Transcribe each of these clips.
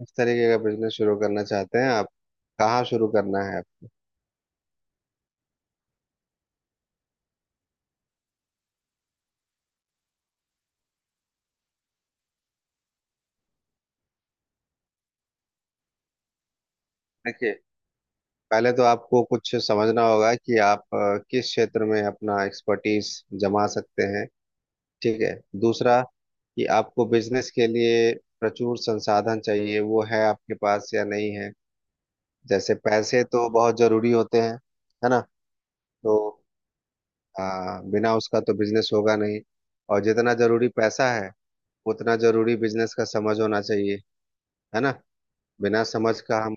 किस तरीके का बिजनेस शुरू करना चाहते हैं आप? कहाँ शुरू करना है? देखिए, पहले तो आपको कुछ समझना होगा कि आप किस क्षेत्र में अपना एक्सपर्टीज जमा सकते हैं। ठीक है? दूसरा, कि आपको बिजनेस के लिए प्रचुर संसाधन चाहिए, वो है आपके पास या नहीं है। जैसे पैसे तो बहुत जरूरी होते हैं, है ना? तो अ, बिना उसका तो बिजनेस होगा नहीं। और जितना जरूरी पैसा है उतना जरूरी बिजनेस का समझ होना चाहिए, है ना? बिना समझ का हम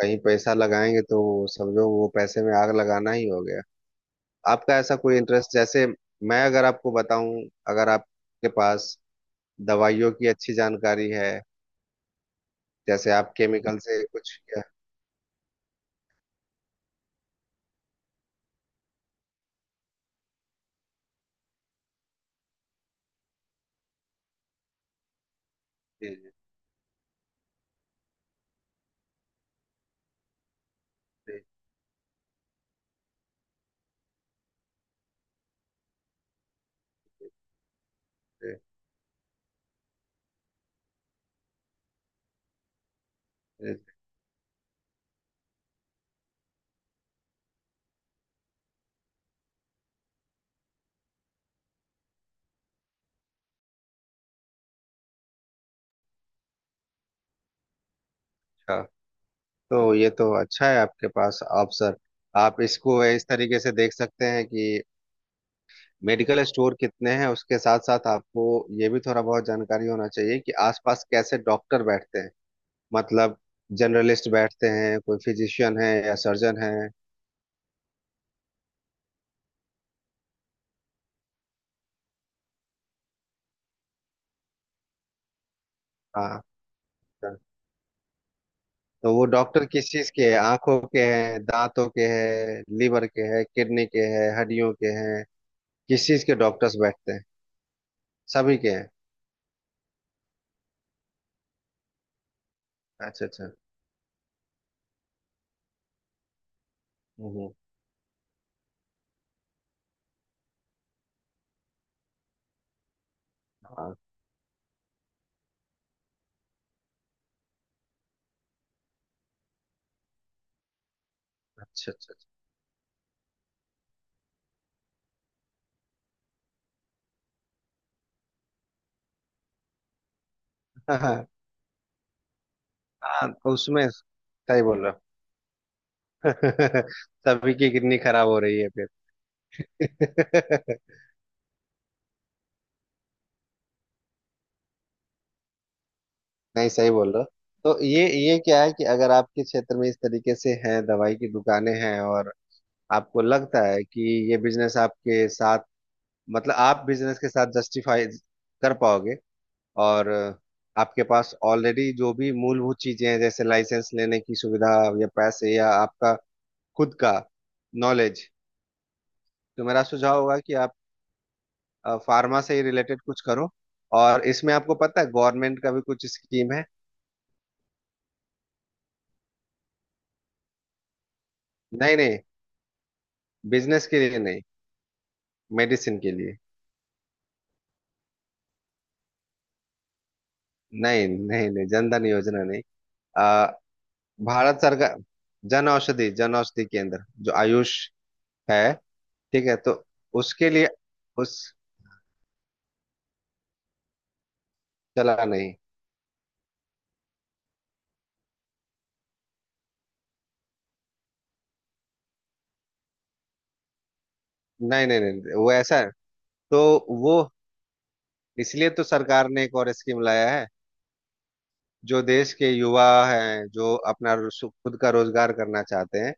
कहीं पैसा लगाएंगे तो समझो वो पैसे में आग लगाना ही हो गया। आपका ऐसा कोई इंटरेस्ट, जैसे मैं अगर आपको बताऊं, अगर आपके पास दवाइयों की अच्छी जानकारी है, जैसे आप केमिकल से कुछ किया। जी, जी, जी, जी, अच्छा। तो ये तो अच्छा है आपके पास ऑप्शन। आप इसको इस तरीके से देख सकते हैं कि मेडिकल स्टोर कितने हैं, उसके साथ साथ आपको ये भी थोड़ा बहुत जानकारी होना चाहिए कि आसपास कैसे डॉक्टर बैठते हैं। मतलब, जनरलिस्ट बैठते हैं, कोई फिजिशियन है या सर्जन है। हाँ, तो वो डॉक्टर किस चीज के हैं? आंखों के हैं, दांतों के हैं, लीवर के हैं, किडनी के हैं, हड्डियों के हैं, किस चीज के डॉक्टर्स बैठते हैं? सभी के हैं? अच्छा अच्छा। हम्म हम्म, हाँ। अच्छा अच्छा अच्छा। हाँ, तो उसमें सही बोल रहा हूँ। सभी की किडनी खराब हो रही है फिर। नहीं, सही बोल रहा हूँ। तो ये क्या है कि अगर आपके क्षेत्र में इस तरीके से हैं, दवाई की दुकानें हैं, और आपको लगता है कि ये बिजनेस आपके साथ, मतलब आप बिजनेस के साथ जस्टिफाई कर पाओगे, और आपके पास ऑलरेडी जो भी मूलभूत चीजें हैं जैसे लाइसेंस लेने की सुविधा, या पैसे, या आपका खुद का नॉलेज, तो मेरा सुझाव होगा कि आप फार्मा से ही रिलेटेड कुछ करो। और इसमें आपको पता है गवर्नमेंट का भी कुछ स्कीम है। नहीं नहीं, बिजनेस के लिए नहीं, मेडिसिन के लिए। नहीं नहीं नहीं, जनधन योजना नहीं। भारत सरकार, जन औषधि, जन औषधि केंद्र, जो आयुष है। ठीक है, तो उसके लिए, उस, चला नहीं? नहीं नहीं नहीं, वो ऐसा है। तो वो, इसलिए तो सरकार ने एक और स्कीम लाया है। जो देश के युवा हैं, जो अपना खुद का रोजगार करना चाहते हैं,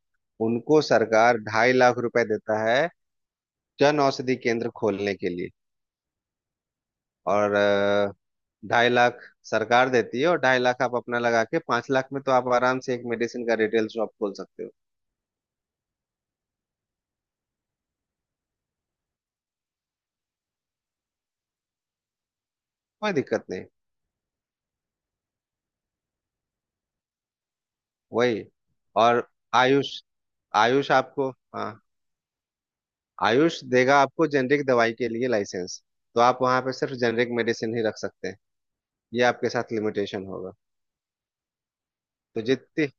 उनको सरकार 2.5 लाख रुपए देता है जन औषधि केंद्र खोलने के लिए। और 2.5 लाख सरकार देती है और 2.5 लाख आप अपना लगा के, 5 लाख में तो आप आराम से एक मेडिसिन का रिटेल शॉप खोल सकते हो। कोई दिक्कत नहीं। वही, और आयुष, आयुष आपको, हाँ, आयुष देगा आपको जेनरिक दवाई के लिए लाइसेंस। तो आप वहाँ पे सिर्फ जेनरिक मेडिसिन ही रख सकते हैं, ये आपके साथ लिमिटेशन होगा। तो जितनी,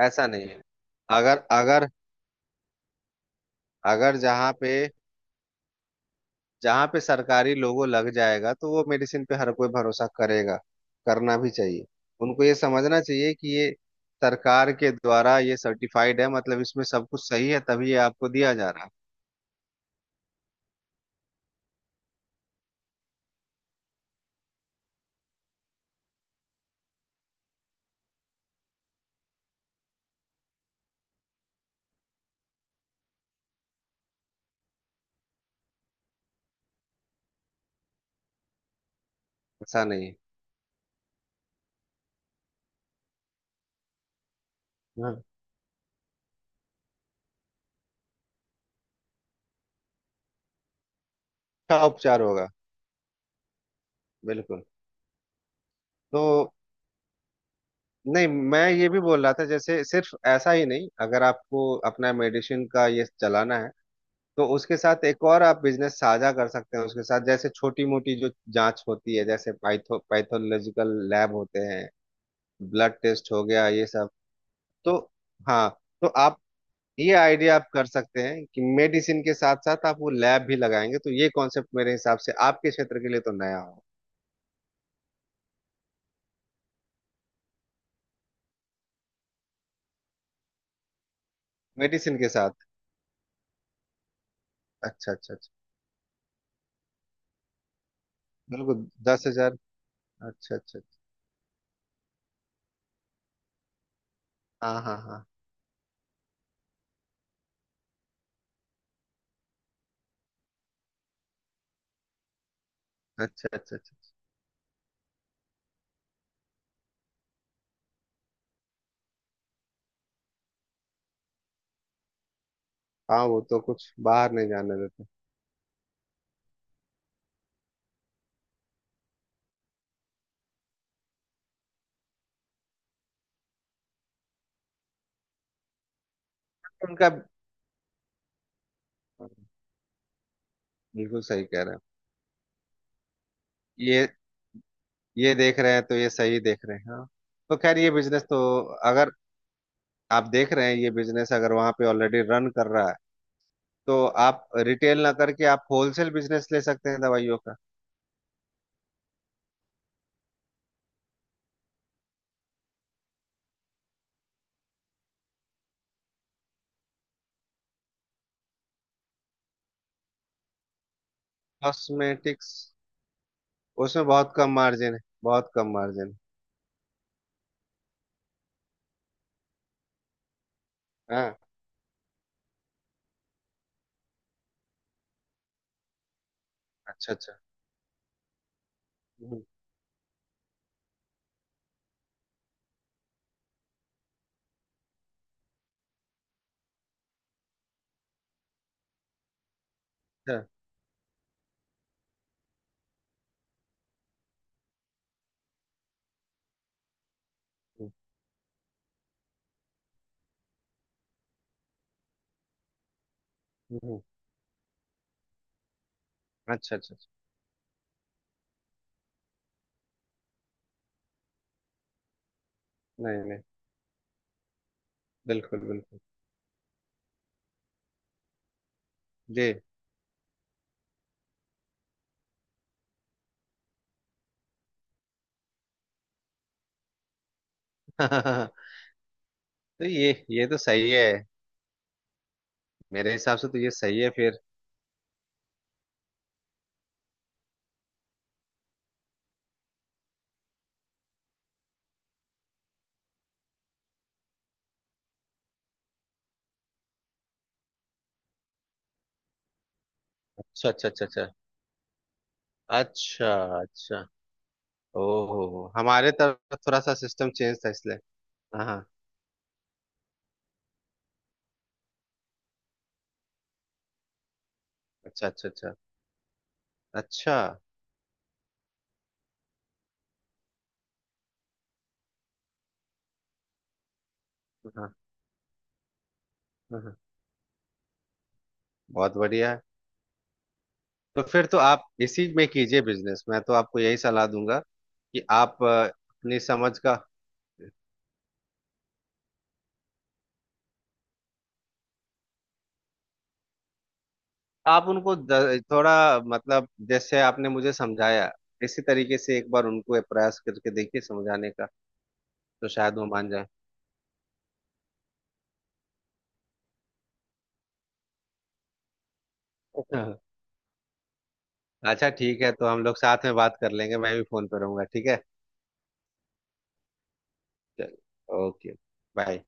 ऐसा नहीं है। अगर अगर अगर जहाँ पे सरकारी लोगो लग जाएगा तो वो मेडिसिन पे हर कोई भरोसा करेगा, करना भी चाहिए। उनको ये समझना चाहिए कि ये सरकार के द्वारा ये सर्टिफाइड है, मतलब इसमें सब कुछ सही है तभी ये आपको दिया जा रहा है। ऐसा नहीं है, का उपचार होगा। बिल्कुल। तो नहीं, मैं ये भी बोल रहा था, जैसे सिर्फ ऐसा ही नहीं, अगर आपको अपना मेडिसिन का ये चलाना है, तो उसके साथ एक और आप बिजनेस साझा कर सकते हैं उसके साथ, जैसे छोटी मोटी जो जांच होती है, जैसे पाइथो पैथोलॉजिकल लैब होते हैं, ब्लड टेस्ट हो गया ये सब। तो हाँ, तो आप ये आइडिया आप कर सकते हैं कि मेडिसिन के साथ साथ आप वो लैब भी लगाएंगे, तो ये कॉन्सेप्ट मेरे हिसाब से आपके क्षेत्र के लिए तो नया हो। मेडिसिन के साथ। अच्छा अच्छा अच्छा। बिल्कुल, 10 हजार। अच्छा अच्छा अच्छा। हाँ हाँ हाँ। अच्छा अच्छा अच्छा अच्छा। हाँ, वो तो कुछ बाहर नहीं जाने देते। उनका, हाँ, बिल्कुल सही कह रहे हैं। ये ये देख रहे हैं तो ये सही देख रहे हैं, हाँ। तो खैर ये बिजनेस तो, अगर आप देख रहे हैं ये बिजनेस अगर वहाँ पे ऑलरेडी रन कर रहा है, तो आप रिटेल ना करके आप होलसेल बिजनेस ले सकते हैं दवाइयों का। कॉस्मेटिक्स, उसमें बहुत कम मार्जिन है, बहुत कम मार्जिन है। हाँ। अच्छा अच्छा। हम्म, अच्छा। हम्म, हम्म, हम्म, अच्छा अच्छा अच्छा। नहीं नहीं। बिल्कुल बिल्कुल। जी। तो ये तो सही है, मेरे हिसाब से तो ये सही है फिर। अच्छा अच्छा अच्छा अच्छा अच्छा अच्छा। ओहो, हमारे तरफ थोड़ा सा सिस्टम चेंज था इसलिए। हाँ हाँ। अच्छा अच्छा अच्छा अच्छा। हाँ हाँ हाँ, बहुत बढ़िया है। तो फिर तो आप इसी में कीजिए बिजनेस, मैं तो आपको यही सलाह दूंगा कि आप अपनी समझ का। आप उनको थोड़ा, मतलब जैसे आपने मुझे समझाया, इसी तरीके से एक बार उनको प्रयास करके देखिए समझाने का। तो शायद वो मान जाए। अच्छा, ठीक है, तो हम लोग साथ में बात कर लेंगे, मैं भी फोन पे रहूंगा, ठीक है? चल, ओके, बाय।